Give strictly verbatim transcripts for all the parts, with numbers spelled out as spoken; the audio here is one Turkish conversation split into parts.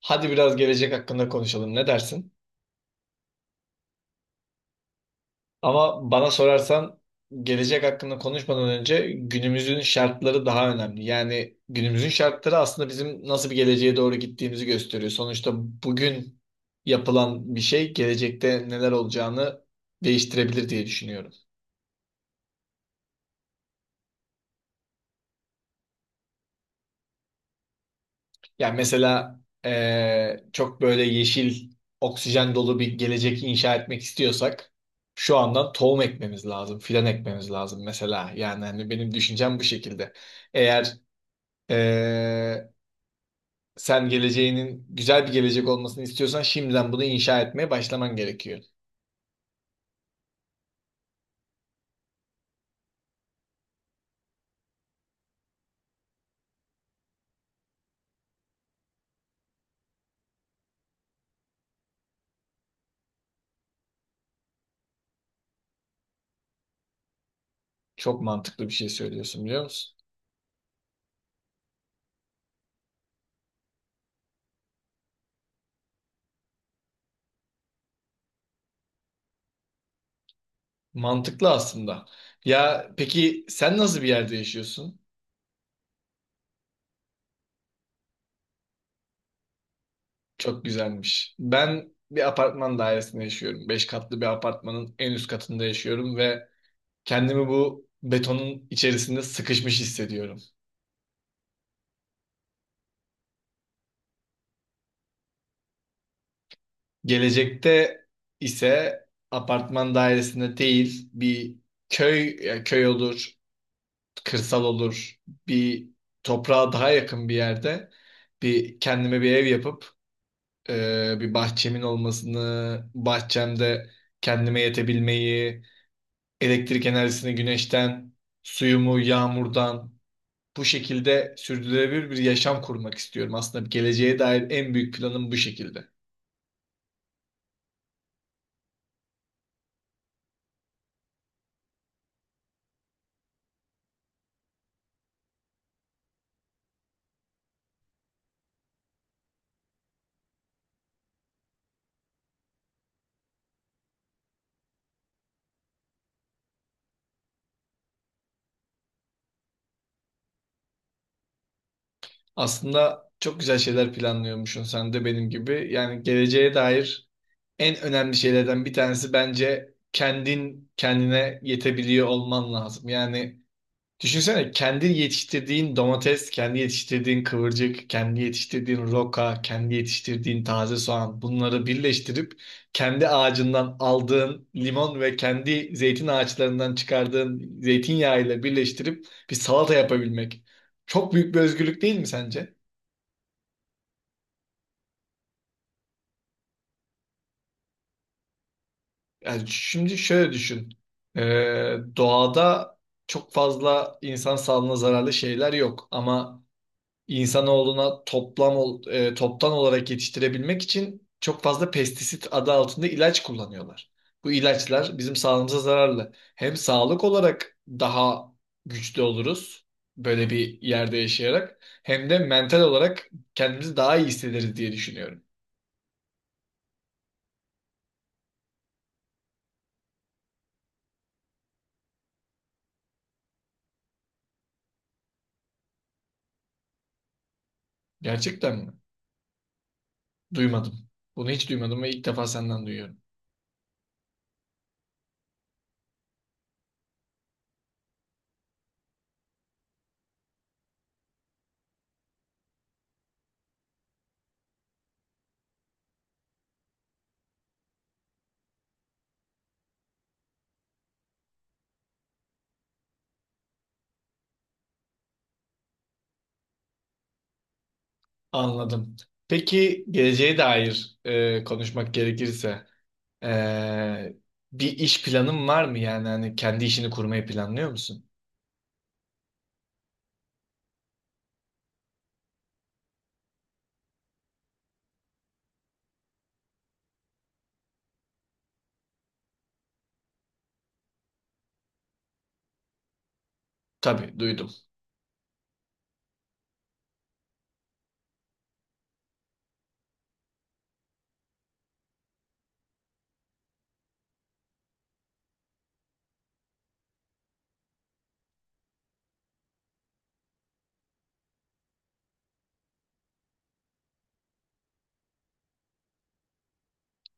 Hadi biraz gelecek hakkında konuşalım. Ne dersin? Ama bana sorarsan gelecek hakkında konuşmadan önce günümüzün şartları daha önemli. Yani günümüzün şartları aslında bizim nasıl bir geleceğe doğru gittiğimizi gösteriyor. Sonuçta bugün yapılan bir şey gelecekte neler olacağını değiştirebilir diye düşünüyorum. Yani mesela eee, çok böyle yeşil, oksijen dolu bir gelecek inşa etmek istiyorsak şu andan tohum ekmemiz lazım, filan ekmemiz lazım mesela. Yani hani benim düşüncem bu şekilde. Eğer eee, sen geleceğinin güzel bir gelecek olmasını istiyorsan şimdiden bunu inşa etmeye başlaman gerekiyor. Çok mantıklı bir şey söylüyorsun biliyor musun? Mantıklı aslında. Ya peki sen nasıl bir yerde yaşıyorsun? Çok güzelmiş. Ben bir apartman dairesinde yaşıyorum. Beş katlı bir apartmanın en üst katında yaşıyorum ve kendimi bu betonun içerisinde sıkışmış hissediyorum. Gelecekte ise apartman dairesinde değil bir köy ya köy olur, kırsal olur, bir toprağa daha yakın bir yerde bir kendime bir ev yapıp e, bir bahçemin olmasını, bahçemde kendime yetebilmeyi, elektrik enerjisini güneşten, suyumu yağmurdan bu şekilde sürdürülebilir bir yaşam kurmak istiyorum. Aslında geleceğe dair en büyük planım bu şekilde. Aslında çok güzel şeyler planlıyormuşsun sen de benim gibi. Yani geleceğe dair en önemli şeylerden bir tanesi bence kendin kendine yetebiliyor olman lazım. Yani düşünsene, kendi yetiştirdiğin domates, kendi yetiştirdiğin kıvırcık, kendi yetiştirdiğin roka, kendi yetiştirdiğin taze soğan, bunları birleştirip kendi ağacından aldığın limon ve kendi zeytin ağaçlarından çıkardığın zeytinyağı ile birleştirip bir salata yapabilmek. Çok büyük bir özgürlük değil mi sence? Yani şimdi şöyle düşün. Ee, doğada çok fazla insan sağlığına zararlı şeyler yok, ama İnsanoğlu'na toplam ol- e, toptan olarak yetiştirebilmek için çok fazla pestisit adı altında ilaç kullanıyorlar. Bu ilaçlar bizim sağlığımıza zararlı. Hem sağlık olarak daha güçlü oluruz böyle bir yerde yaşayarak, hem de mental olarak kendimizi daha iyi hissederiz diye düşünüyorum. Gerçekten mi? Duymadım. Bunu hiç duymadım ve ilk defa senden duyuyorum. Anladım. Peki geleceğe dair e, konuşmak gerekirse e, bir iş planın var mı? Yani hani kendi işini kurmayı planlıyor musun? Tabii duydum.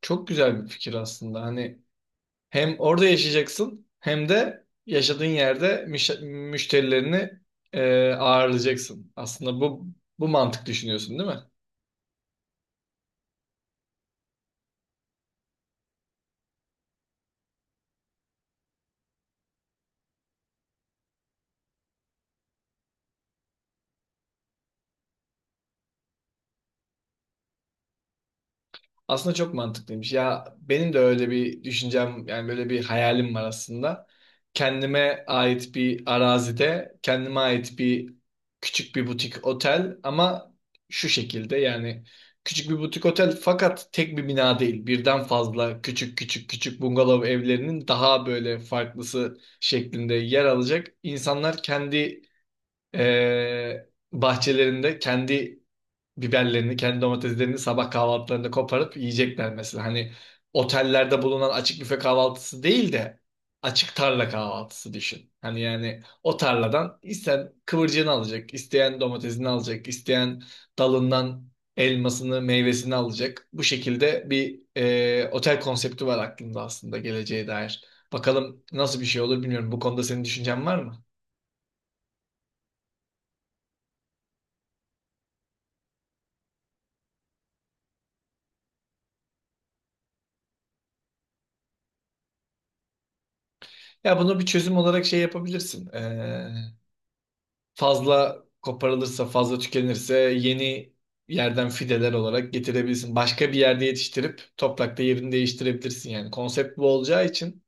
Çok güzel bir fikir aslında. Hani hem orada yaşayacaksın hem de yaşadığın yerde müş- müşterilerini e, ağırlayacaksın. Aslında bu bu mantık düşünüyorsun, değil mi? Aslında çok mantıklıymış. Ya benim de öyle bir düşüncem, yani böyle bir hayalim var aslında. Kendime ait bir arazide, kendime ait bir küçük bir butik otel, ama şu şekilde yani: küçük bir butik otel, fakat tek bir bina değil. Birden fazla küçük küçük küçük bungalov evlerinin daha böyle farklısı şeklinde yer alacak. İnsanlar kendi eee, bahçelerinde kendi biberlerini, kendi domateslerini sabah kahvaltılarında koparıp yiyecekler mesela. Hani otellerde bulunan açık büfe kahvaltısı değil de açık tarla kahvaltısı düşün. Hani yani o tarladan isteyen kıvırcığını alacak, isteyen domatesini alacak, isteyen dalından elmasını, meyvesini alacak. Bu şekilde bir e, otel konsepti var aklımda aslında geleceğe dair. Bakalım nasıl bir şey olur, bilmiyorum. Bu konuda senin düşüncen var mı? Ya bunu bir çözüm olarak şey yapabilirsin. E, fazla koparılırsa, fazla tükenirse yeni yerden fideler olarak getirebilirsin. Başka bir yerde yetiştirip toprakta yerini değiştirebilirsin yani. Konsept bu olacağı için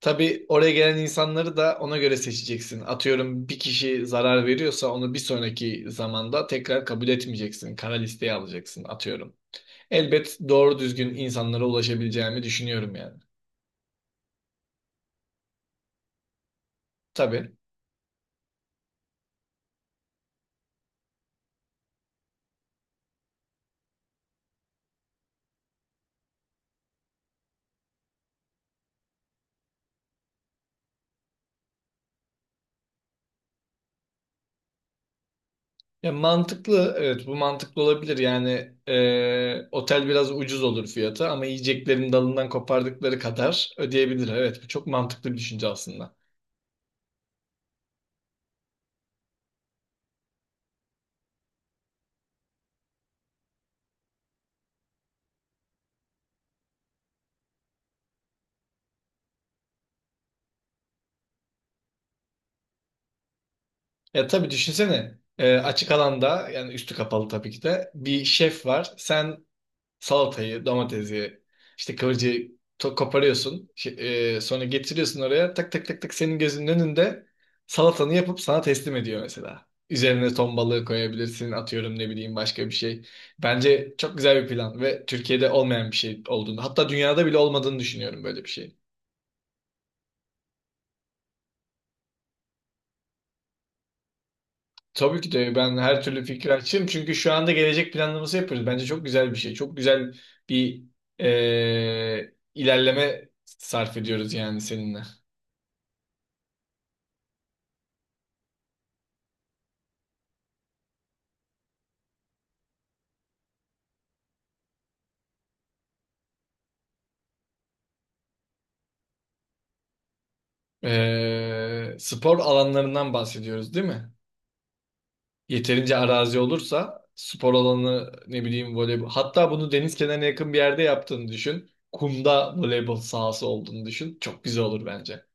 tabii oraya gelen insanları da ona göre seçeceksin. Atıyorum, bir kişi zarar veriyorsa onu bir sonraki zamanda tekrar kabul etmeyeceksin. Kara listeye alacaksın atıyorum. Elbet doğru düzgün insanlara ulaşabileceğimi düşünüyorum yani. Tabii. Ya mantıklı, evet, bu mantıklı olabilir. Yani e, otel biraz ucuz olur fiyatı, ama yiyeceklerin dalından kopardıkları kadar ödeyebilir. Evet, bu çok mantıklı bir düşünce aslında. Ya tabii düşünsene, e, açık alanda, yani üstü kapalı, tabii ki de bir şef var. Sen salatayı, domatesi, işte kıvırcığı to- koparıyorsun. Şey- e, sonra getiriyorsun oraya. Tak tak tak tak, senin gözünün önünde salatanı yapıp sana teslim ediyor mesela. Üzerine ton balığı koyabilirsin, atıyorum, ne bileyim, başka bir şey. Bence çok güzel bir plan ve Türkiye'de olmayan bir şey olduğunu, hatta dünyada bile olmadığını düşünüyorum böyle bir şey. Tabii ki de ben her türlü fikri açığım, çünkü şu anda gelecek planlaması yapıyoruz. Bence çok güzel bir şey. Çok güzel bir e, ilerleme sarf ediyoruz yani seninle. Ee, spor alanlarından bahsediyoruz değil mi? Yeterince arazi olursa spor alanı, ne bileyim, voleybol. Hatta bunu deniz kenarına yakın bir yerde yaptığını düşün. Kumda voleybol sahası olduğunu düşün. Çok güzel olur bence.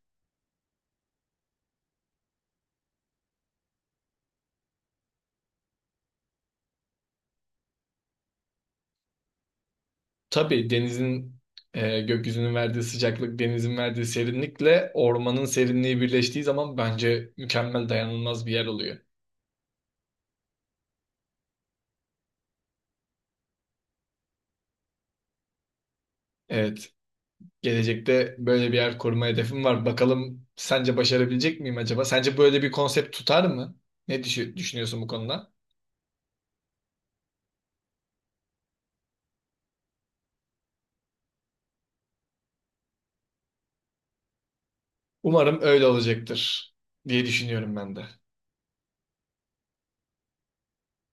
Tabii denizin, e, gökyüzünün verdiği sıcaklık, denizin verdiği serinlikle ormanın serinliği birleştiği zaman bence mükemmel, dayanılmaz bir yer oluyor. Evet. Gelecekte böyle bir yer koruma hedefim var. Bakalım, sence başarabilecek miyim acaba? Sence böyle bir konsept tutar mı? Ne düşü- düşünüyorsun bu konuda? Umarım öyle olacaktır diye düşünüyorum ben de.